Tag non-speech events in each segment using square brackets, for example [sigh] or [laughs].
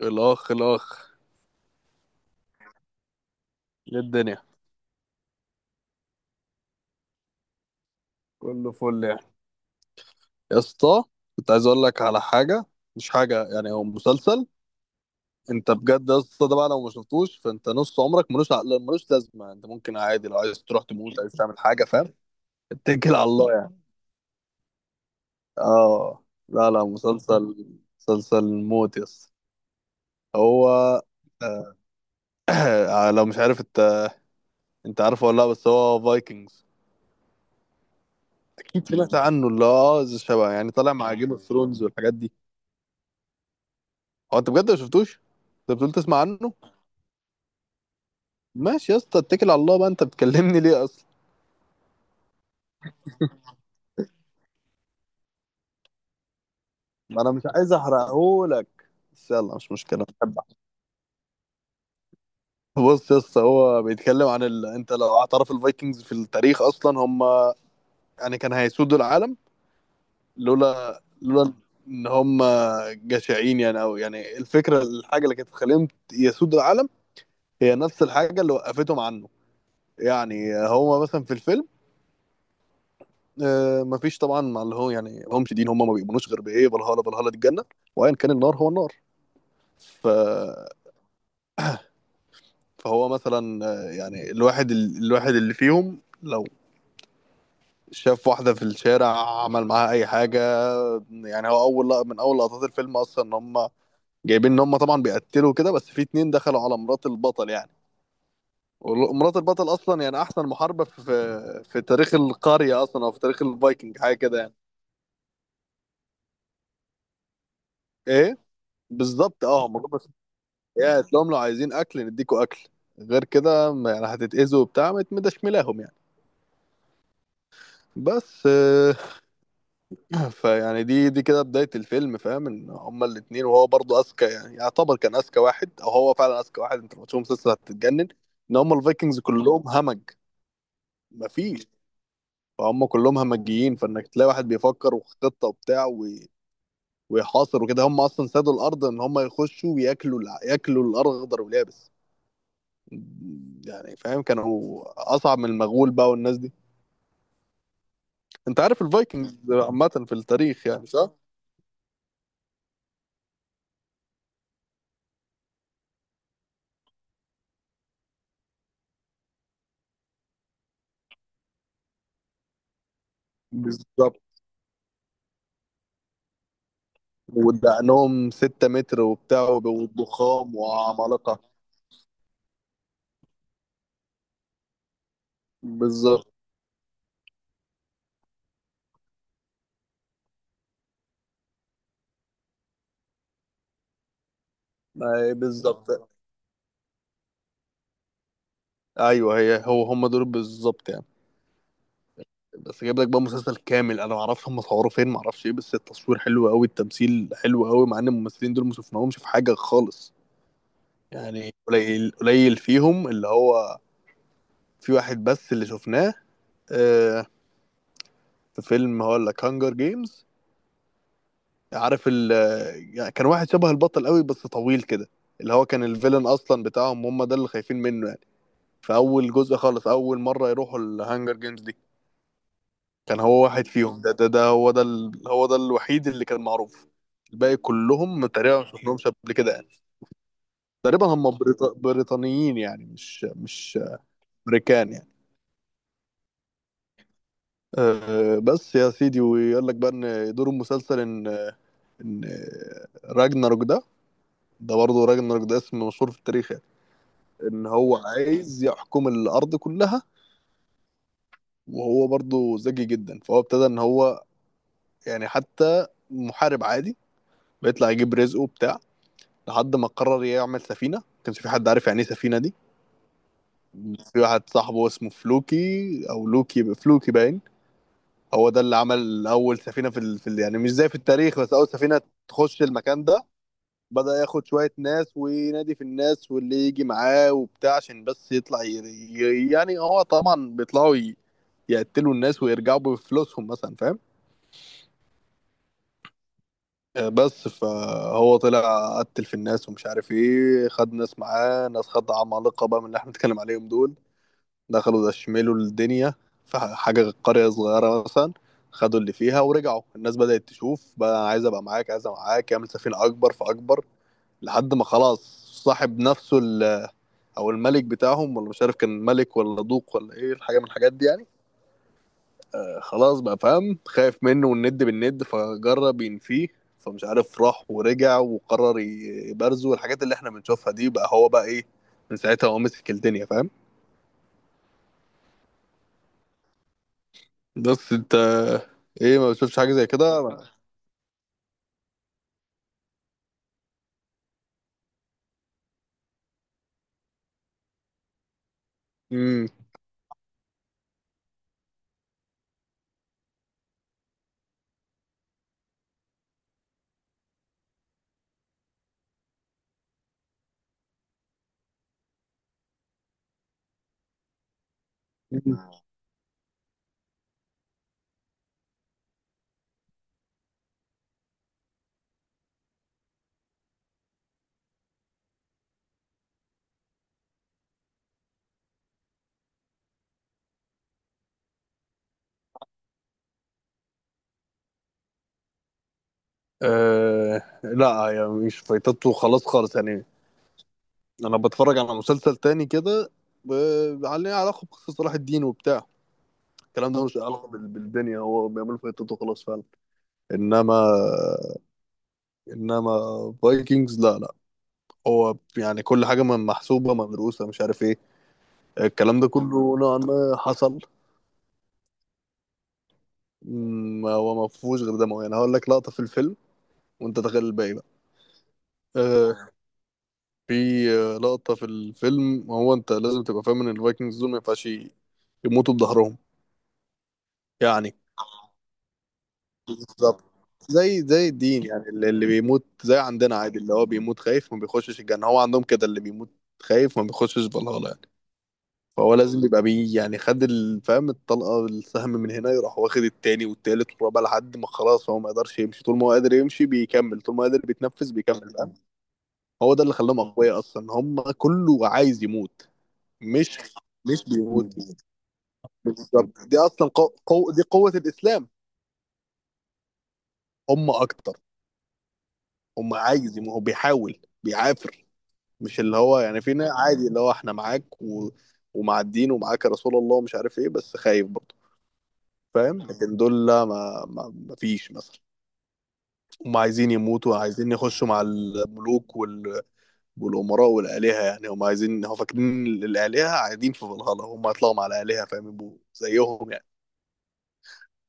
الاخ. إيه الدنيا؟ كله فل يعني. يا اسطى، كنت عايز اقول لك على حاجه. مش حاجه، يعني هو مسلسل. انت بجد يا اسطى ده بقى لو ما شفتوش فانت نص عمرك ملوش عقل، ملوش لازمه. انت ممكن عادي لو عايز تروح تموت، عايز تعمل حاجه، فاهم؟ اتكل على الله يعني. اه، لا مسلسل، مسلسل موت يا اسطى. هو [clears throat] لو مش عارف انت، انت عارفه ولا لا؟ بس هو فايكنجز. اكيد سمعت عنه، اللي هو اه زي شبه يعني طالع مع جيم اوف ثرونز والحاجات دي. هو انت بجد ما شفتوش؟ انت بتقول تسمع عنه. ماشي يا اسطى اتكل على الله بقى، انت بتكلمني ليه اصلا؟ ما انا مش عايز احرقهولك، بس يلا مش مشكله، بحب أحرق. بص يا اسطى، هو بيتكلم عن انت لو اعترف، الفايكنجز في التاريخ اصلا هم يعني كان هيسودوا العالم، لولا ان هم جشعين، يعني او يعني الفكره، الحاجه اللي كانت تخليهم يسودوا العالم هي نفس الحاجه اللي وقفتهم عنه. يعني هو مثلا في الفيلم، مفيش طبعا، مع اللي هو يعني هم شديد، هم ما بيؤمنوش غير بايه، فالهالا، فالهالا دي الجنه، وايا كان النار هو النار. ف... فهو مثلا يعني الواحد الواحد اللي فيهم لو شاف واحده في الشارع، عمل معاها اي حاجه. يعني هو اول من اول لقطات الفيلم اصلا ان هم جايبين ان هم طبعا بيقتلوا كده، بس في اتنين دخلوا على مرات البطل يعني، ومرات البطل اصلا يعني احسن محاربه في في تاريخ القريه اصلا، او في تاريخ الفايكنج، حاجه كده يعني. ايه بالظبط، اه مرات. يا تلاقيهم لو عايزين اكل نديكوا اكل، غير كده يعني هتتأذوا وبتاع، ما تمدشملاهم يعني. بس [laughs] [clears throat] فيعني دي كده بداية الفيلم، فاهم ان هما الاتنين، وهو برضه اذكى، يعني يعتبر كان اذكى واحد، او هو فعلا اذكى واحد. انت لو تشوف مسلسل هتتجنن ان هما الفايكنجز كلهم همج. مفيش، فهم كلهم همجيين، فانك تلاقي واحد بيفكر وخطة وبتاع ويحاصر وكده. هم اصلا سادوا الارض ان هم يخشوا وياكلوا ياكلوا الارغدر واليابس. يعني فاهم، كانوا اصعب من المغول بقى والناس دي. انت عارف الفايكنجز عامه في التاريخ يعني صح؟ بالظبط. ودقنهم 6 متر وبتاع، وضخام وعمالقه. بالظبط، أي بالظبط. ايوه هي هو هم دول بالظبط يعني. بس جايب لك بقى مسلسل كامل، انا ما اعرفش هم صوروه فين، ما اعرفش ايه، بس التصوير حلو قوي، التمثيل حلو قوي، مع ان الممثلين دول ما شفناهمش في حاجه خالص. يعني قليل فيهم اللي هو في واحد بس اللي شفناه، آه، في فيلم هقول لك، هانجر جيمز، عارف ال، يعني كان واحد شبه البطل قوي، بس طويل كده، اللي هو كان الفيلن اصلا بتاعهم، هم ده اللي خايفين منه يعني. في اول جزء خالص، اول مره يروحوا الهانجر جيمز دي، كان هو واحد فيهم، ده هو ده هو ده الوحيد اللي كان معروف. الباقي كلهم تقريبا ما شفناهمش قبل كده يعني. تقريبا هم بريطانيين يعني، مش امريكان يعني. أه بس يا سيدي، ويقول لك بقى ان دور المسلسل ان ان راجناروك ده، ده برضه راجنر ده اسم مشهور في التاريخ يعني، ان هو عايز يحكم الارض كلها. وهو برضه ذكي جدا، فهو ابتدى ان هو يعني حتى محارب عادي بيطلع يجيب رزقه بتاع، لحد ما قرر يعمل سفينه. ما كانش في حد عارف يعني ايه سفينه دي. في واحد صاحبه اسمه فلوكي، او لوكي، فلوكي باين، هو ده اللي عمل اول سفينه في, في يعني مش زي في التاريخ، بس اول سفينه تخش المكان ده. بدأ ياخد شوية ناس وينادي في الناس واللي يجي معاه وبتاع، عشان بس يطلع يعني هو طبعا بيطلعوا يقتلوا الناس ويرجعوا بفلوسهم مثلا، فاهم. بس فهو طلع قتل في الناس ومش عارف ايه، خد ناس معاه، ناس خد عمالقة بقى من اللي احنا بنتكلم عليهم دول. دخلوا دشملوا الدنيا، في حاجة قرية صغيرة مثلا، خدوا اللي فيها ورجعوا. الناس بدأت تشوف بقى، أنا عايز ابقى معاك، عايز ابقى معاك، يعمل سفينة اكبر فاكبر، لحد ما خلاص صاحب نفسه ال، او الملك بتاعهم، ولا مش عارف كان ملك ولا دوق ولا ايه، الحاجه من الحاجات دي يعني. خلاص بقى فاهم، خايف منه، والند بالند، فجرب ينفيه، فمش عارف راح ورجع وقرر يبرزه، والحاجات اللي احنا بنشوفها دي بقى هو بقى ايه، من ساعتها هو مسك الدنيا فاهم. بس انت ايه، ما بتشوفش حاجه زي كده. امم. آه لا، يعني مش فايتته خلاص خالص يعني. انا بتفرج على مسلسل تاني كده عليه علاقه بقصه صلاح الدين وبتاع، الكلام ده ملوش علاقه بالدنيا، هو بيعملوا فايتته خلاص فعلا. انما، انما فايكنجز لا لا، هو يعني كل حاجه محسوبه مدروسه مش عارف ايه، الكلام ده كله نوعا ما حصل. هو ما فيهوش غير دموي، يعني هقول لك لقطه في الفيلم وانت تخيل الباقي بقى. آه، في لقطه في الفيلم. هو انت لازم تبقى فاهم ان الفايكنجز دول ما ينفعش يموتوا بظهرهم. يعني بالظبط، زي الدين يعني، اللي بيموت زي عندنا عادي اللي هو بيموت خايف، ما بيخشش الجنة. هو عندهم كده، اللي بيموت خايف ما بيخشش فالهالا يعني. فهو لازم يبقى بي، يعني خد فاهم الطلقة، السهم من هنا، يروح واخد التاني والتالت والرابع، لحد ما خلاص هو ما يقدرش يمشي، طول ما هو قادر يمشي بيكمل، طول ما قادر بيتنفس بيكمل فاهم. هو ده اللي خلاهم أقوياء أصلا، هم كله عايز يموت، مش، مش بيموت. بالظبط، دي أصلا دي قوة الإسلام. هم أكتر، هم عايز يموت، هو بيحاول بيعافر. مش اللي هو يعني في ناس عادي، اللي هو احنا معاك و... ومع الدين ومعاك يا رسول الله ومش عارف ايه، بس خايف برضه فاهم. لكن دول لا، ما فيش مثلا، هم عايزين يموتوا، عايزين يخشوا مع الملوك وال... والامراء والالهه يعني. هم عايزين، هم فاكرين الالهه قاعدين في فالهالا، هم هيطلعوا مع الالهه فاهم، يبقوا زيهم يعني.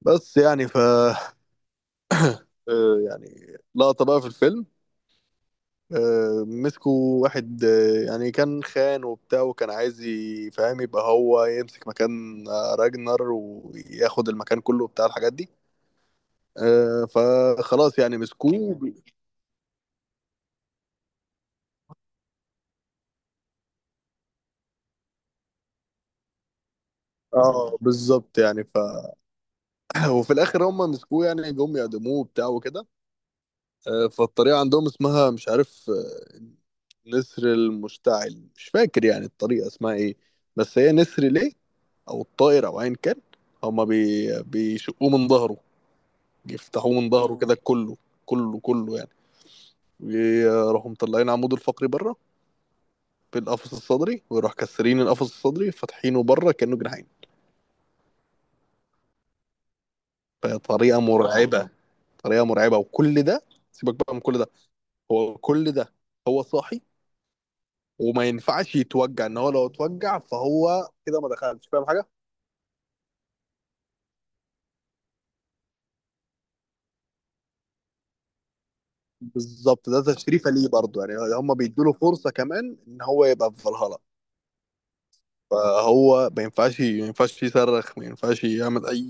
بس يعني ف، يعني لقطه بقى في الفيلم، مسكوا واحد، يعني كان خان وبتاع، وكان عايز فاهم يبقى هو يمسك مكان راجنر، وياخد المكان كله بتاع الحاجات دي. فخلاص يعني مسكوه. اه بالظبط يعني ف [laughs] وفي الاخر هم مسكوه، يعني جم يعدموه وبتاع وكده. فالطريقه عندهم اسمها مش عارف، نسر المشتعل مش فاكر، يعني الطريقه اسمها ايه، بس هي نسر ليه، او الطائر، او ايا كان. هما بيشقوه من ظهره، يفتحوه من ظهره كده كله، كله يعني، يروحوا مطلعين عموده الفقري بره بالقفص الصدري، ويروح كسرين القفص الصدري فاتحينه بره كأنه جناحين. فطريقة مرعبة، طريقة مرعبة. وكل ده سيبك بقى من كل ده، هو كل ده هو صاحي، وما ينفعش يتوجع، ان هو لو اتوجع فهو كده ما دخلش فاهم حاجه. بالظبط، ده تشريفه ليه برضه يعني، هم بيدوا له فرصه كمان ان هو يبقى في فالهالا. فهو ما ينفعش، ما ينفعش يصرخ، ما ينفعش يعمل اي،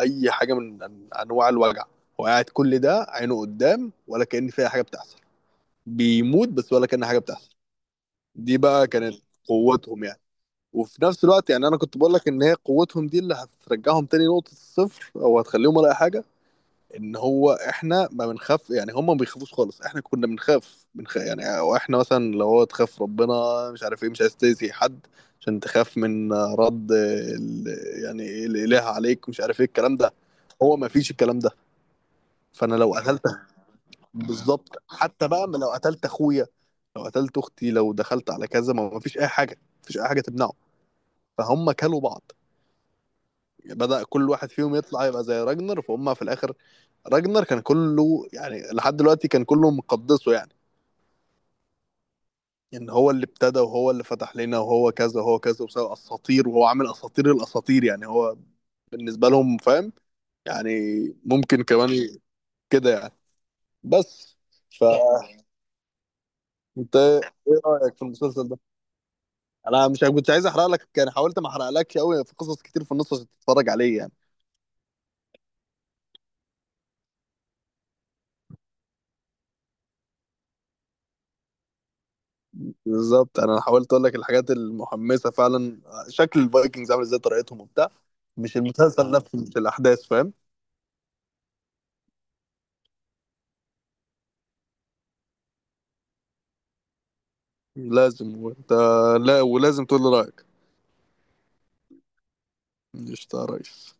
اي حاجه من انواع الوجع. هو قاعد كل ده عينه قدام، ولا كأن فيها حاجه بتحصل، بيموت بس ولا كأن حاجه بتحصل. دي بقى كانت قوتهم يعني. وفي نفس الوقت يعني انا كنت بقول لك ان هي قوتهم دي اللي هترجعهم تاني نقطه الصفر، او هتخليهم ولا أي حاجه، ان هو احنا ما بنخاف يعني، هم ما بيخافوش خالص. احنا كنا بنخاف، يعني، او احنا مثلا لو هو تخاف ربنا، مش عارف ايه، مش عايز تأذي حد عشان تخاف من رد يعني إيه الاله عليك مش عارف ايه الكلام ده. هو ما فيش الكلام ده. فانا لو قتلت، بالظبط [laughs] حتى بقى ما لو قتلت اخويا، لو قتلت اختي، لو دخلت على كذا، ما فيش اي حاجه، ما فيش اي حاجه تمنعه. فهم كلوا بعض، بدأ كل واحد فيهم يطلع يبقى زي راجنر، فهم في الاخر راجنر كان كله يعني لحد دلوقتي كان كله مقدسه يعني، ان يعني هو اللي ابتدى، وهو اللي فتح لنا، وهو كذا وهو كذا، وسوى اساطير، وهو عامل اساطير الاساطير يعني، هو بالنسبه لهم فاهم يعني. ممكن كمان كده يعني. بس فانت، ايه رايك في المسلسل ده؟ انا مش كنت عايز احرق لك يعني، حاولت ما احرقلكش قوي، في قصص كتير في النص عشان تتفرج عليه يعني. بالظبط انا حاولت اقول لك الحاجات المحمسه فعلا، شكل الفايكنجز عامل ازاي، طريقتهم وبتاع، مش المسلسل اه نفسه، مش الاحداث فاهم. لازم، وانت لا، ولازم تقول لي رايك. قشطة يا ريس.